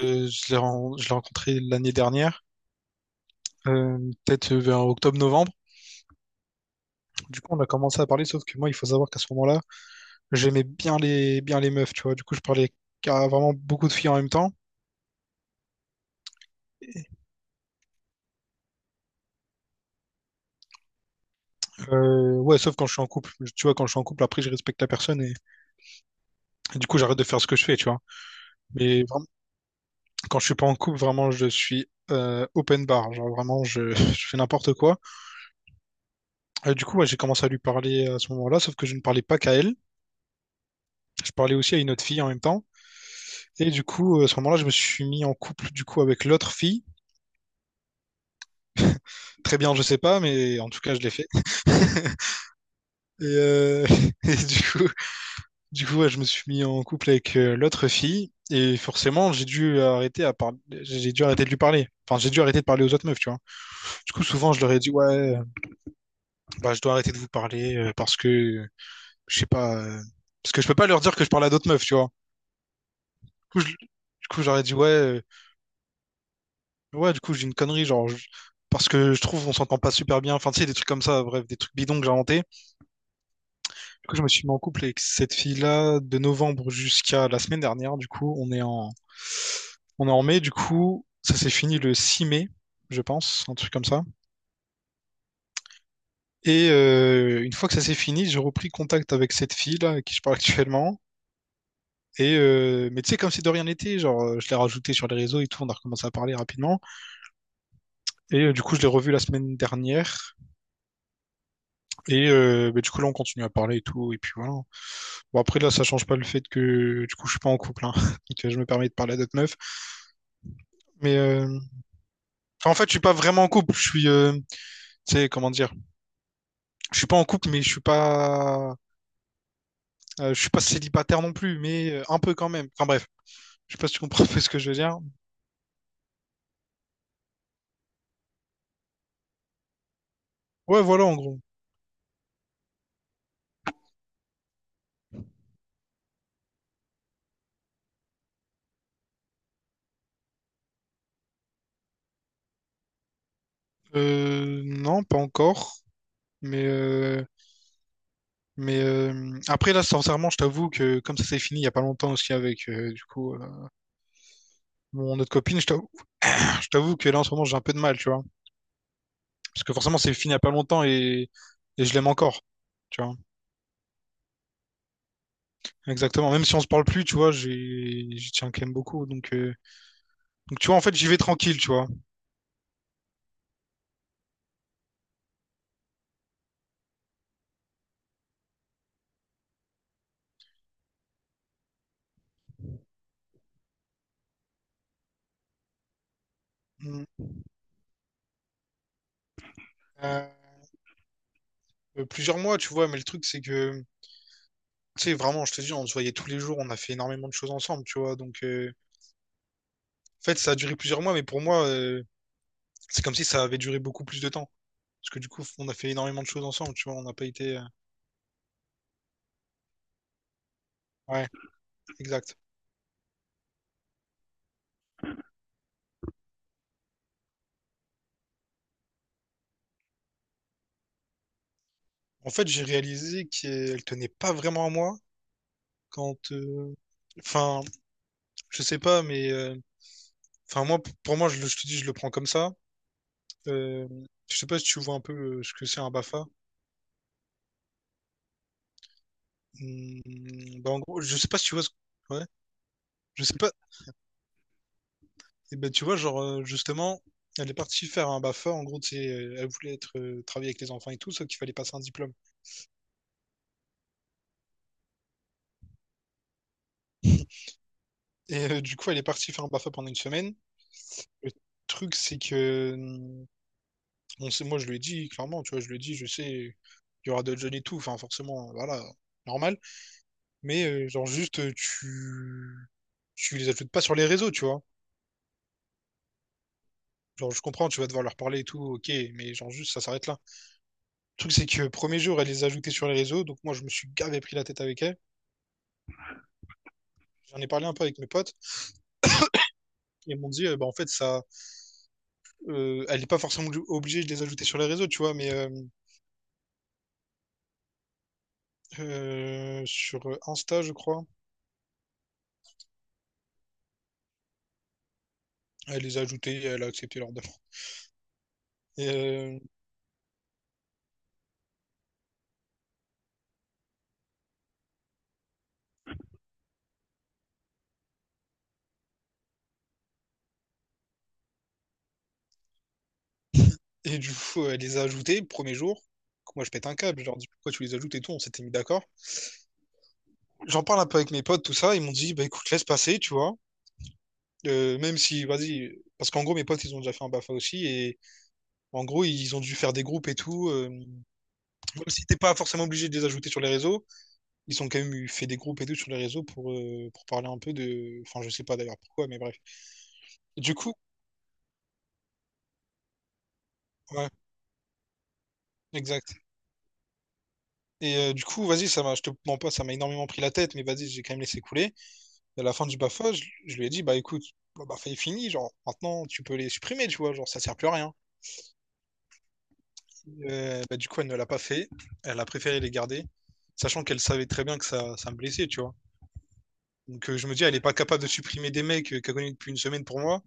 Je l'ai rencontré l'année dernière, euh, peut-être vers octobre-novembre. Du coup, on a commencé à parler, sauf que moi, il faut savoir qu'à ce moment-là, j'aimais bien les meufs, tu vois. Du coup, je parlais à vraiment beaucoup de filles en même temps. Ouais, sauf quand je suis en couple. Tu vois, quand je suis en couple, après, je respecte la personne et du coup, j'arrête de faire ce que je fais, tu vois. Mais vraiment, quand je suis pas en couple, vraiment, je suis open bar. Genre, vraiment, je, je fais n'importe quoi. Du coup, ouais, j'ai commencé à lui parler à ce moment-là, sauf que je ne parlais pas qu'à elle. Je parlais aussi à une autre fille en même temps. Et du coup, à ce moment-là, je me suis mis en couple du coup avec l'autre fille. Très bien, je sais pas, mais en tout cas, je l'ai fait. Et, et du coup, ouais, je me suis mis en couple avec l'autre fille. Et forcément, j'ai dû arrêter à parler, j'ai dû arrêter de lui parler. Enfin, j'ai dû arrêter de parler aux autres meufs, tu vois. Du coup, souvent, je leur ai dit, ouais, bah, je dois arrêter de vous parler parce que, je sais pas, parce que je peux pas leur dire que je parle à d'autres meufs, tu vois. Du coup, j'aurais dit, ouais, ouais, du coup, j'ai une connerie, genre. Parce que je trouve on s'entend pas super bien. Enfin, tu sais, des trucs comme ça, bref, des trucs bidons que j'ai inventés. Du coup, je me suis mis en couple avec cette fille-là de novembre jusqu'à la semaine dernière. Du coup, on est en mai. Du coup, ça s'est fini le 6 mai, je pense, un truc comme ça. Et une fois que ça s'est fini, j'ai repris contact avec cette fille-là avec qui je parle actuellement. Et mais tu sais, comme si de rien n'était, genre, je l'ai rajoutée sur les réseaux et tout, on a recommencé à parler rapidement. Et du coup, je l'ai revue la semaine dernière. Et bah, du coup, là, on continue à parler et tout. Et puis voilà. Bon, après, là, ça change pas le fait que, du coup, je suis pas en couple. Hein. Donc, je me permets de parler à d'autres meufs. Mais enfin, en fait, je suis pas vraiment en couple. Je suis, tu sais, comment dire. Je suis pas en couple, mais je suis pas célibataire non plus, mais un peu quand même. Enfin, bref. Je sais pas si tu comprends un peu ce que je veux dire. Ouais, voilà, en gros. Non, pas encore. Mais après, là, sincèrement, je t'avoue que comme ça s'est fini il y a pas longtemps aussi avec, du coup, mon autre copine, je t'avoue. Je t'avoue que là, en ce moment, j'ai un peu de mal, tu vois. Parce que forcément, c'est fini il y a pas longtemps et je l'aime encore, tu vois. Exactement. Même si on se parle plus, tu vois, j'y tiens quand même beaucoup. Donc, tu vois, en fait, j'y vais tranquille, tu vois. Mm. Euh, Plusieurs mois, tu vois, mais le truc, c'est que tu sais, vraiment, je te dis, on se voyait tous les jours, on a fait énormément de choses ensemble, tu vois. Donc, en fait, ça a duré plusieurs mois, mais pour moi, c'est comme si ça avait duré beaucoup plus de temps. Parce que du coup, on a fait énormément de choses ensemble, tu vois. On n'a pas été. Ouais, exact. En fait, j'ai réalisé qu'elle tenait pas vraiment à moi quand. Enfin, je sais pas, mais enfin, moi, pour moi, je te dis, je le prends comme ça. Euh, je sais pas si tu vois un peu ce que c'est un BAFA. Hmm, bah, en gros, je sais pas si tu vois ce. Ouais. Je sais pas. Et ben, tu vois, genre, justement, elle est partie faire un BAFA. En gros, tu sais, elle voulait être, travailler avec les enfants et tout, sauf qu'il fallait passer un diplôme. Et du coup, elle est partie faire un BAFA pendant une semaine. Le truc, c'est que, bon, c'est, moi, je lui ai dit, clairement, tu vois, je lui ai dit, je sais, il y aura d'autres jeunes et tout. Enfin, forcément, voilà, normal. Mais genre, juste, tu, tu les ajoutes pas sur les réseaux, tu vois. Genre, je comprends, tu vas devoir leur parler et tout, ok, mais genre, juste, ça s'arrête là. Le truc, c'est que, premier jour, elle les a ajoutés sur les réseaux. Donc, moi, je me suis gavé pris la tête avec elle. J'en ai parlé un peu avec mes potes. Ils m'ont dit, bah, en fait, ça, elle n'est pas forcément obligée de les ajouter sur les réseaux, tu vois, mais sur Insta, je crois, elle les a ajoutés, elle a accepté leur demande. Et, euh, et du coup, elle les a ajoutés le premier jour. Moi, je pète un câble, je leur dis pourquoi tu les ajoutes et tout, on s'était mis d'accord. J'en parle un peu avec mes potes, tout ça, ils m'ont dit, bah écoute, laisse passer, tu vois. Même si, vas-y, parce qu'en gros, mes potes, ils ont déjà fait un BAFA aussi, et en gros, ils ont dû faire des groupes et tout, même si t'es pas forcément obligé de les ajouter sur les réseaux, ils ont quand même eu fait des groupes et tout sur les réseaux pour parler un peu de. Enfin, je sais pas d'ailleurs pourquoi, mais bref. Et du coup, ouais, exact. Et du coup, vas-y, je te mens pas, ça m'a énormément pris la tête, mais vas-y, j'ai quand même laissé couler. Et à la fin du BAFA, je lui ai dit, bah écoute, bah, est fini, genre, maintenant, tu peux les supprimer, tu vois, genre, ça sert plus à rien. Bah, du coup, elle ne l'a pas fait, elle a préféré les garder, sachant qu'elle savait très bien que ça me blessait, tu vois. Donc je me dis, elle n'est pas capable de supprimer des mecs qu'elle connaît depuis une semaine pour moi.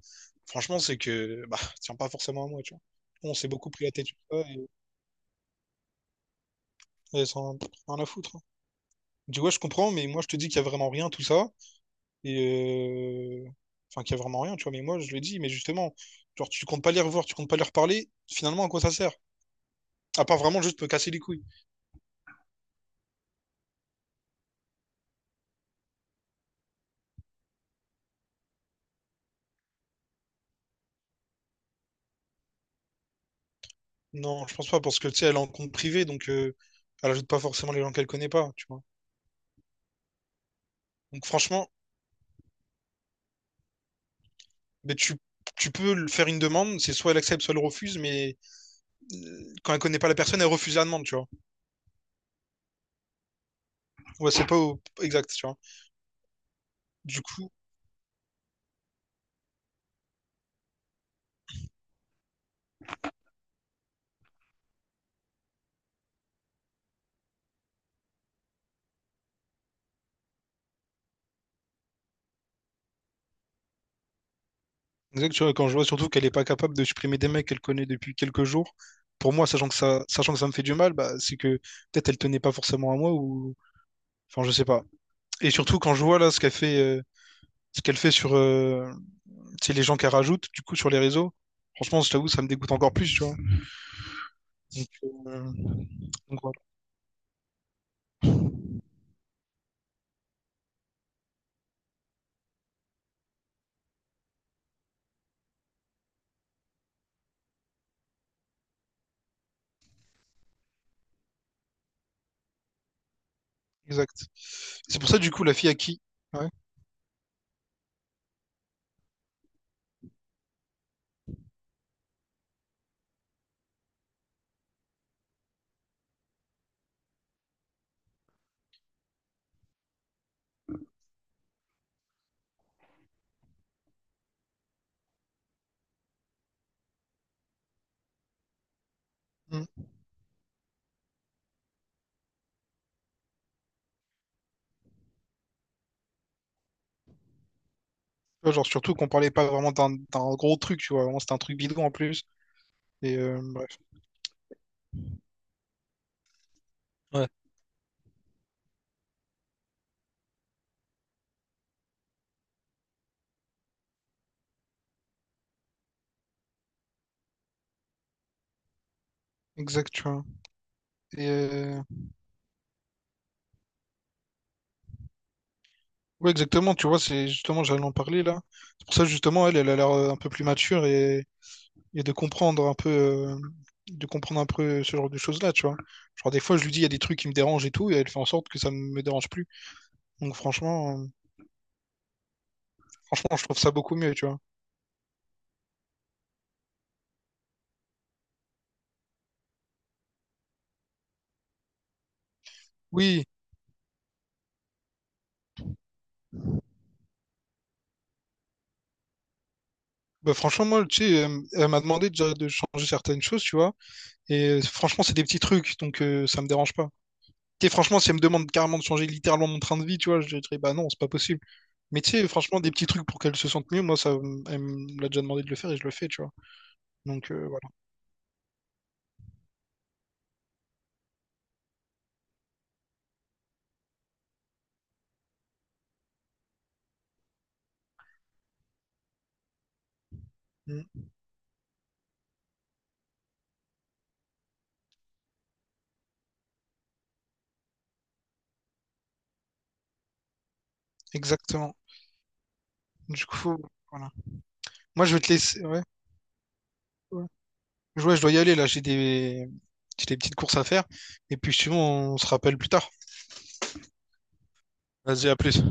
Franchement, c'est que bah, ça tient pas forcément à moi, tu vois. On s'est beaucoup pris la tête sur ça et elle s'en a rien à foutre, hein. Je dis, ouais, je comprends, mais moi je te dis qu'il y a vraiment rien, tout ça. Et euh, Enfin, qu'il y a vraiment rien, tu vois. Mais moi, je le dis, mais justement, genre, tu comptes pas les revoir, tu comptes pas leur parler, finalement, à quoi ça sert? À part vraiment juste me casser les couilles. Non, je pense pas, parce que tu sais, elle est en compte privé, donc elle ajoute pas forcément les gens qu'elle connaît pas, tu vois. Donc franchement, mais faire une demande, c'est soit elle accepte, soit elle refuse, mais quand elle connaît pas la personne, elle refuse la demande, tu vois. Ouais, c'est pas au- Exact, tu vois. Du coup, exact, tu vois, quand je vois surtout qu'elle est pas capable de supprimer des mecs qu'elle connaît depuis quelques jours, pour moi, sachant que ça me fait du mal, bah, c'est que peut-être elle tenait pas forcément à moi ou, enfin, je sais pas. Et surtout quand je vois là ce qu'elle fait sur, tu sais, les gens qu'elle rajoute, du coup, sur les réseaux, franchement, je t'avoue, ça me dégoûte encore plus, tu vois. Donc, euh, donc voilà. Exact. C'est pour ça, du coup, la fille à qui? Ouais. Mm. Tu vois, genre, surtout qu'on parlait pas vraiment d'un gros truc, tu vois. Vraiment, c'était un truc bidon en plus. Et bref. Ouais. Exact, tu vois. Et ouais, exactement, tu vois, c'est justement, j'allais en parler là. C'est pour ça, justement, elle, elle a l'air un peu plus mature et et de comprendre un peu, euh, de comprendre un peu ce genre de choses-là, tu vois. Genre des fois, je lui dis, il y a des trucs qui me dérangent et tout, et elle fait en sorte que ça ne me dérange plus. Donc franchement, je trouve ça beaucoup mieux, tu vois. Oui, bah franchement, moi, tu sais, elle m'a demandé déjà de changer certaines choses, tu vois. Et franchement, c'est des petits trucs, donc ça me dérange pas. Tu sais, franchement, si elle me demande carrément de changer littéralement mon train de vie, tu vois, je dirais, bah non, c'est pas possible. Mais tu sais, franchement, des petits trucs pour qu'elle se sente mieux, moi, elle me l'a déjà demandé de le faire et je le fais, tu vois. Donc voilà. Mm, exactement. Du coup, voilà. Moi, je vais te laisser. Ouais. Ouais, ouais, je dois y aller là. J'ai des petites courses à faire. Et puis, sinon, on se rappelle plus tard. Vas-y, à plus.